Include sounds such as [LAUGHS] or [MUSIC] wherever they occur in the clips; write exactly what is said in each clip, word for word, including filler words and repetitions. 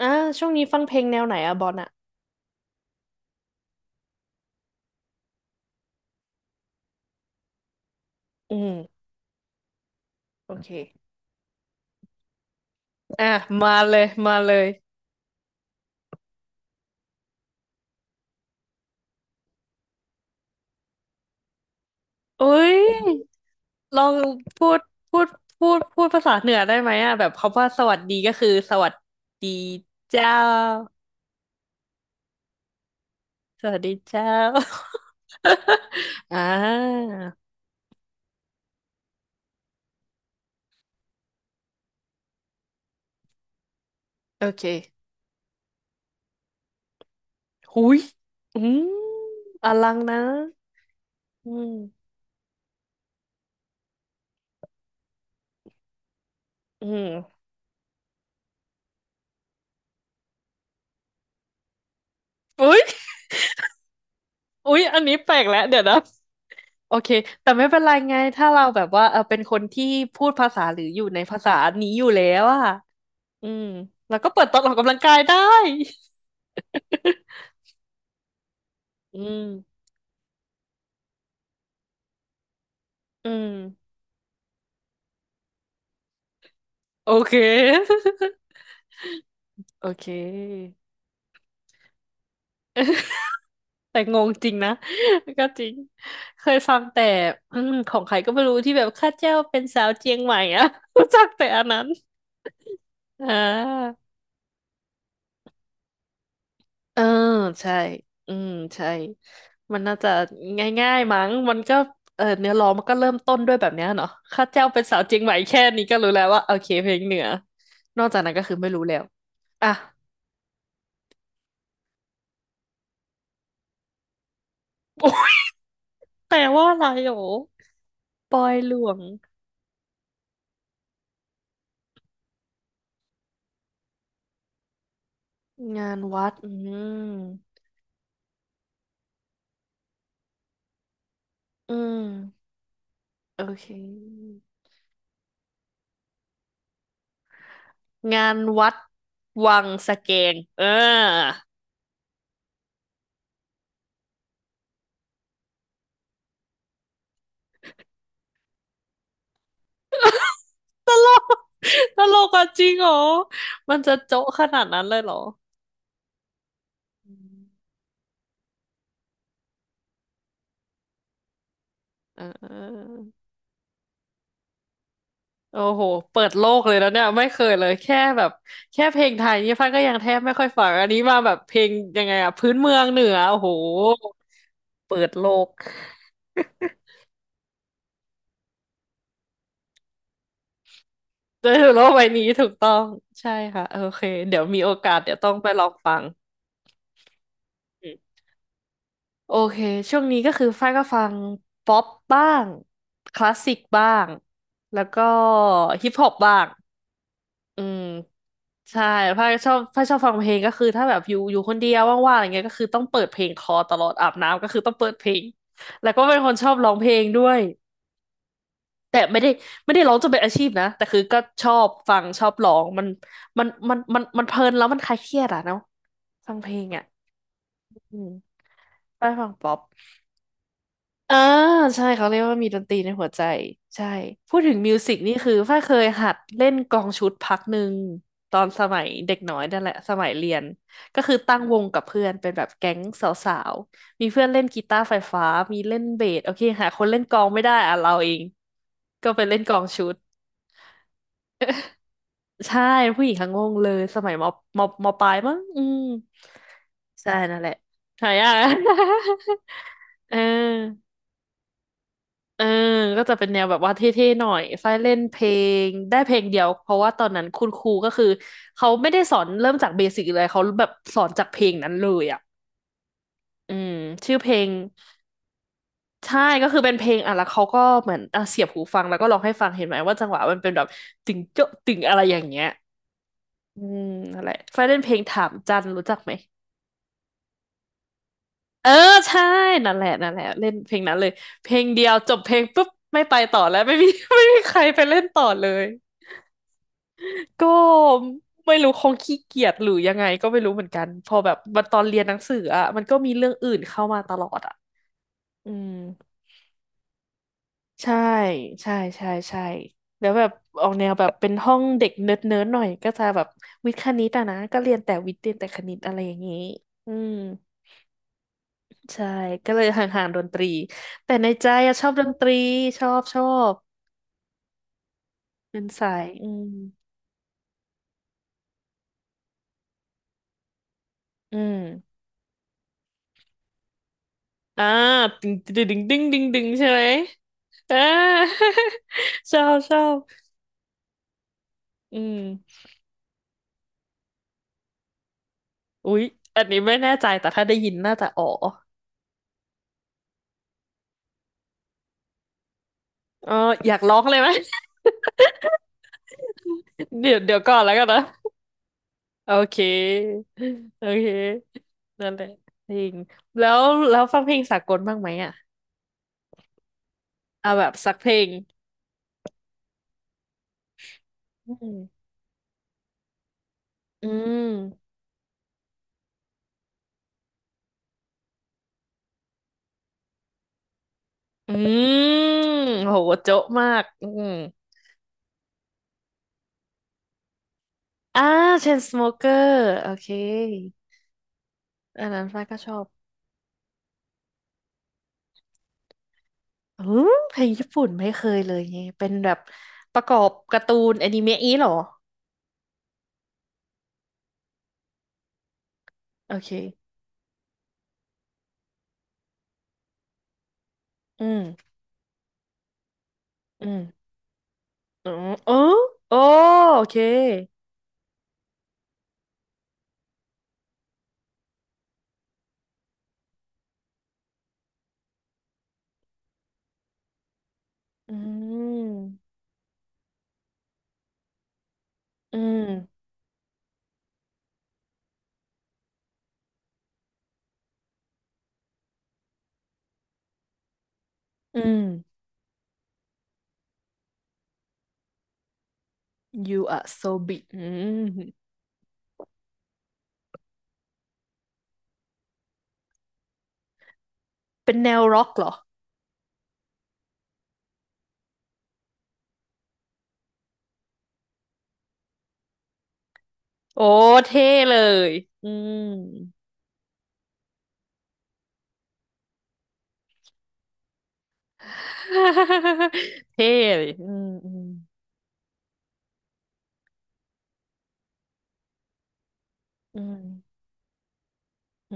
อ่าช่วงนี้ฟังเพลงแนวไหนอะบอลอะอืมโอเคอ่ะมาเลยมาเลยอุ้ยลองพูดพูดพูดพูดภาษาเหนือได้ไหมอะแบบคำว่าสวัสดีก็คือสวัสดีเจ้าสวัสดีเจ้า [LAUGHS] อ่าโอเคหุยอืมอลังนะอืมอืมอุ้ยอุ้ยอันนี้แปลกแล้วเดี๋ยวนะ โอเค แต่ไม่เป็นไรไงถ้าเราแบบว่าเออเป็นคนที่พูดภาษาหรืออยู่ในภาษานี้อยู่แล้วอ่ะอืมแล้วก็เปิดตอนออกกำลังกายได้ อืมอืมโอเค [LAUGHS] โอเค แต่งงจริงนะ [LAUGHS] ก็จริง เคยฟังแต่อืมของใครก็ไม่รู้ที่แบบข้าเจ้าเป็นสาวเจียงใหม่อะ [LAUGHS] รู้จักแต่อันนั้นอ่า เออใช่ อืมใช่มันน่าจะง่ายๆมั้งมันก็เออเนื้อร้องมันก็เริ่มต้นด้วยแบบเนี้ยเนาะข้าเจ้าเป็นสาวเจียงใหม่แค่นี้ก็รู้แล้วว่าโอเคเพลงเหนือนอกจากนั้นก็คือไม่รู้แล้วอ่ะ [LAUGHS] แปลว่าอะไรโหรอปอยหลวงงานวัดอืมอืมโอเคงานวัดวังสะเกงเออตลก [LAUGHS] ตลกอ่ะจริงเหรอมันจะโจ๊ะขนาดนั้นเลยเหรอ เออโอ้โหเปิดโลกเลยแล้วเนี่ยไม่เคยเลยแค่แบบแค่เพลงไทยนี่ฟ้าก็ยังแทบไม่ค่อยฟังอันนี้มาแบบเพลงยังไงอะพื้นเมืองเหนือโอ้โหเปิดโลกได้สูโลกใบนี้ถูกต้องใช่ค่ะโอเคเดี๋ยวมีโอกาสเดี๋ยวต้องไปลองฟังอืมโอเคช่วงนี้ก็คือฟ้ายก็ฟังป๊อปบ้างคลาสสิกบ้างแล้วก็ฮิปฮอปบ้าง อืมใช่พ้าชอบพ้าชอบฟังเพลงก็คือถ้าแบบอยู่อยู่คนเดียวว่างๆอะไรเงี้ยก็คือต้องเปิดเพลงคอตลอดอาบน้ำก็คือต้องเปิดเพลงแล้วก็เป็นคนชอบร้องเพลงด้วยแต่ไม่ได้ไม่ได้ร้องจนเป็นอาชีพนะแต่คือก็ชอบฟังชอบร้องมันมันมันมันมันเพลินแล้วมันคลายเครียดอ่ะเนาะฟังเพลงอ่ะอืมได้ฟังป๊อป อ่าใช่เขาเรียกว่ามีดนตรีในหัวใจใช่พูดถึงมิวสิกนี่คือฝ้ายเคยหัดเล่นกลองชุดพักหนึ่งตอนสมัยเด็กน้อยนั่นแหละสมัยเรียนก็คือตั้งวงกับเพื่อนเป็นแบบแก๊งสาวๆมีเพื่อนเล่นกีตาร์ไฟฟ้ามีเล่นเบสโอเคหาคนเล่นกลองไม่ได้อ่ะเราเองก็ไปเล่นกลองชุดใช่ผู้หญิงทั้งวงเลยสมัยมมมปลายมั้งอืมใช่นั่นแหละหายาก [LAUGHS] เออ เออก็จะเป็นแนวแบบว่าเท่ๆหน่อยฝ้ายเล่นเพลง ได้เพลงเดียว เพราะว่าตอนนั้นคุณครูก็คือเขาไม่ได้สอนเริ่มจากเบสิกเลยเขาแบบสอนจากเพลงนั้นเลยอ่ะอืม ชื่อเพลง ใช่ก็คือเป็นเพลงอ่ะ แล้วเขาก็เหมือนอ่ะเสียบหูฟังแล้วก็ร้องให้ฟัง เห็นไหมว่าจังหวะมันเป็นแบบตึงโจ๊ะตึงอะไรอย่างเงี้ยอืมนั่นแหละฝ้ายเล่นเพลงถามจันรู้จักไหมเออใช่นั่นแหละนั่นแหละเล่นเพลงนั้นเลยเพลงเดียวจบเพลงปุ๊บไม่ไปต่อแล้วไม่มี [LAUGHS] ไม่มีใครไปเล่นต่อเลย ก็ไม่รู้คงขี้เกียจหรือยังไงก็ไม่รู้เหมือนกันพอแบบมันตอนเรียนหนังสืออ่ะมันก็มีเรื่องอื่นเข้ามาตลอดอ่ะอืมใช่ใช่ใช่ใช่แล้วแบบออกแนวแบบเป็นห้องเด็กเนิร์ดเนิร์ดหน่อยก็จะแบบวิทย์คณิตอะนะก็เรียนแต่วิทย์เรียนแต่คณิตอะไรอย่างนี้อืมใช่ก็เลยห่างๆดนตรีแต่ในใจอะชอบดนตรีชอบชอบเป็นสายอืมอืม อ่าดึงดึงดึงดึงดึงดึงใช่ไหมอ่า [LAUGHS] ชอบชอบอืมอุ๊ยอันนี้ไม่แน่ใจแต่ถ้าได้ยินน่าจะอ๋อเอออยากร้องเลยไหม [LAUGHS] เดี๋ยวเดี๋ยวก่อนแล้วกันนะโอเคโอเคนั่นแหละเพลงแล้วแล้วฟังเพลงสากลบ้างไหมอ่ะเอาแบบสักเพลงอืมอืมอืมโหโจ๊ะมากอืมอ่าเชนสโมเกอร์โอเคอันนั้นฟ้าก็ชอบ อืมเพลงญี่ปุ่นไม่เคยเลยไงเป็นแบบประกอบการ์ตูนอนิเมะนี้เหรอโอเคอืมอืมอืมเออโอโอเคอืมอืมอืม You are so big อืมเป็นแนวร็อกเหรอโอ้เท่เลยอืม [LAUGHS] เท่เลยอืมอืมอื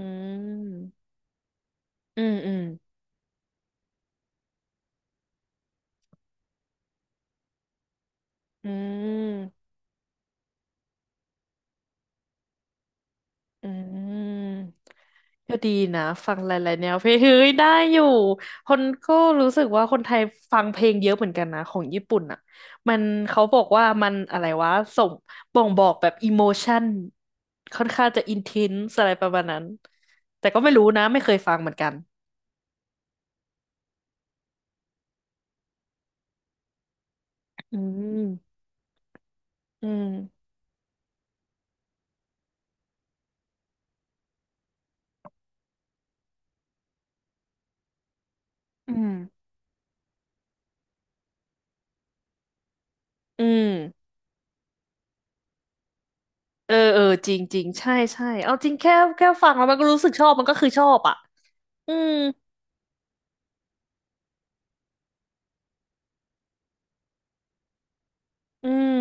มอืมอืมอืมอืม อืมก็ดีนะฟังหลายๆแนวเพลงเฮ้ยได้อยู่คนก็รู้สึกว่าคนไทยฟังเพลงเยอะเหมือนกันนะของญี่ปุ่นอ่ะมันเขาบอกว่ามันอะไรวะส่งบ่งบอกแบบอิโมชันค่อนข้างจะอินเทนส์อะไรประมาณนั้นแต่ก็ไม่รู้นะไม่เคยฟังเหมือนกันอืมอืมอืมอืมเออเออจริงจริงใช่ใช่เอาจริงแค่แค่ฟังแล้วมันก็รู้สึกชอบมันก็คือชอบอ่ะอืมอืม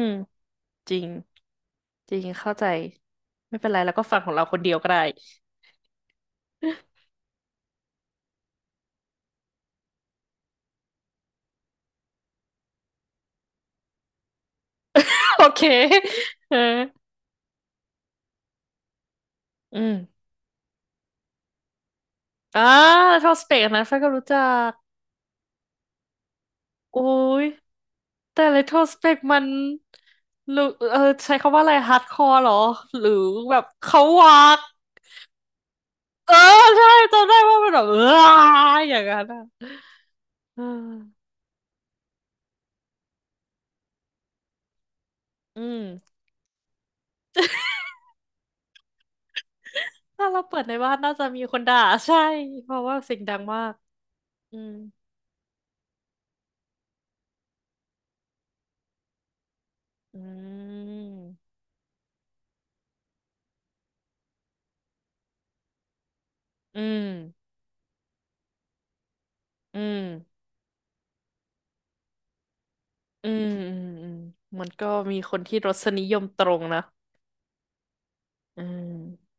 จริงจริงเข้าใจไม่เป็นไรแล้วก็ฟังของเราคนเดียวก็ได้ [LAUGHS] โอเค [LAUGHS] เอออืมอ่าทอสเปกนะแฟนก็รู้จักโอ้ยแต่เลโทสเปกมันหรือเออใช้คำว่าอะไรฮาร์ดคอร์หรอหรือแบบเขาวากเออใช่จำได้ว่ามันแบบ [LAUGHS] เอออย่างนั้นอ่ะเอออืมถ้าเราเปิดในบ้านน่าจะมีคนด่า [LAUGHS] ใช่เพราะว่าเสียงดังมากอืมอืมอืม อืมอืมอืมอืมมันก็มีคนที่รสนิยมตรงนะ อืม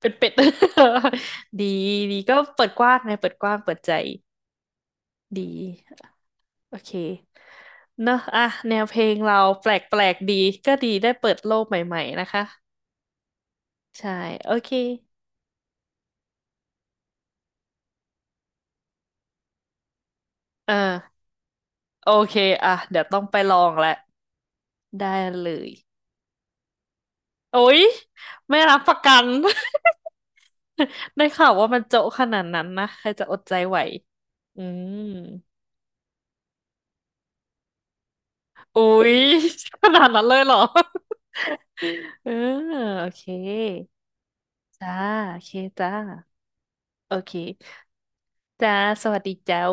เป็นเป็ด [LAUGHS] ดีดีก็เปิดกว้างนะเปิดกว้างเปิดใจดีโอเคเนอะอ่ะแนวเพลงเราแปลกแปลกดีก็ดีได้เปิดโลกใหม่ๆนะคะใช่โอเคเออโอเคอ่ะเดี๋ยวต้องไปลองแหละได้เลยโอ๊ยไม่รับประกัน [LAUGHS] ได้ข่าวว่ามันโจ๊ะขนาดนั้นนะใครจะอดใจไหวอืม อุ๊ย [LAUGHS] ขนาดนั้นเลยเหรอ [LAUGHS] เออโอเคจ้าโอเคจ้าโอเคจ้าสวัสดีเจ้า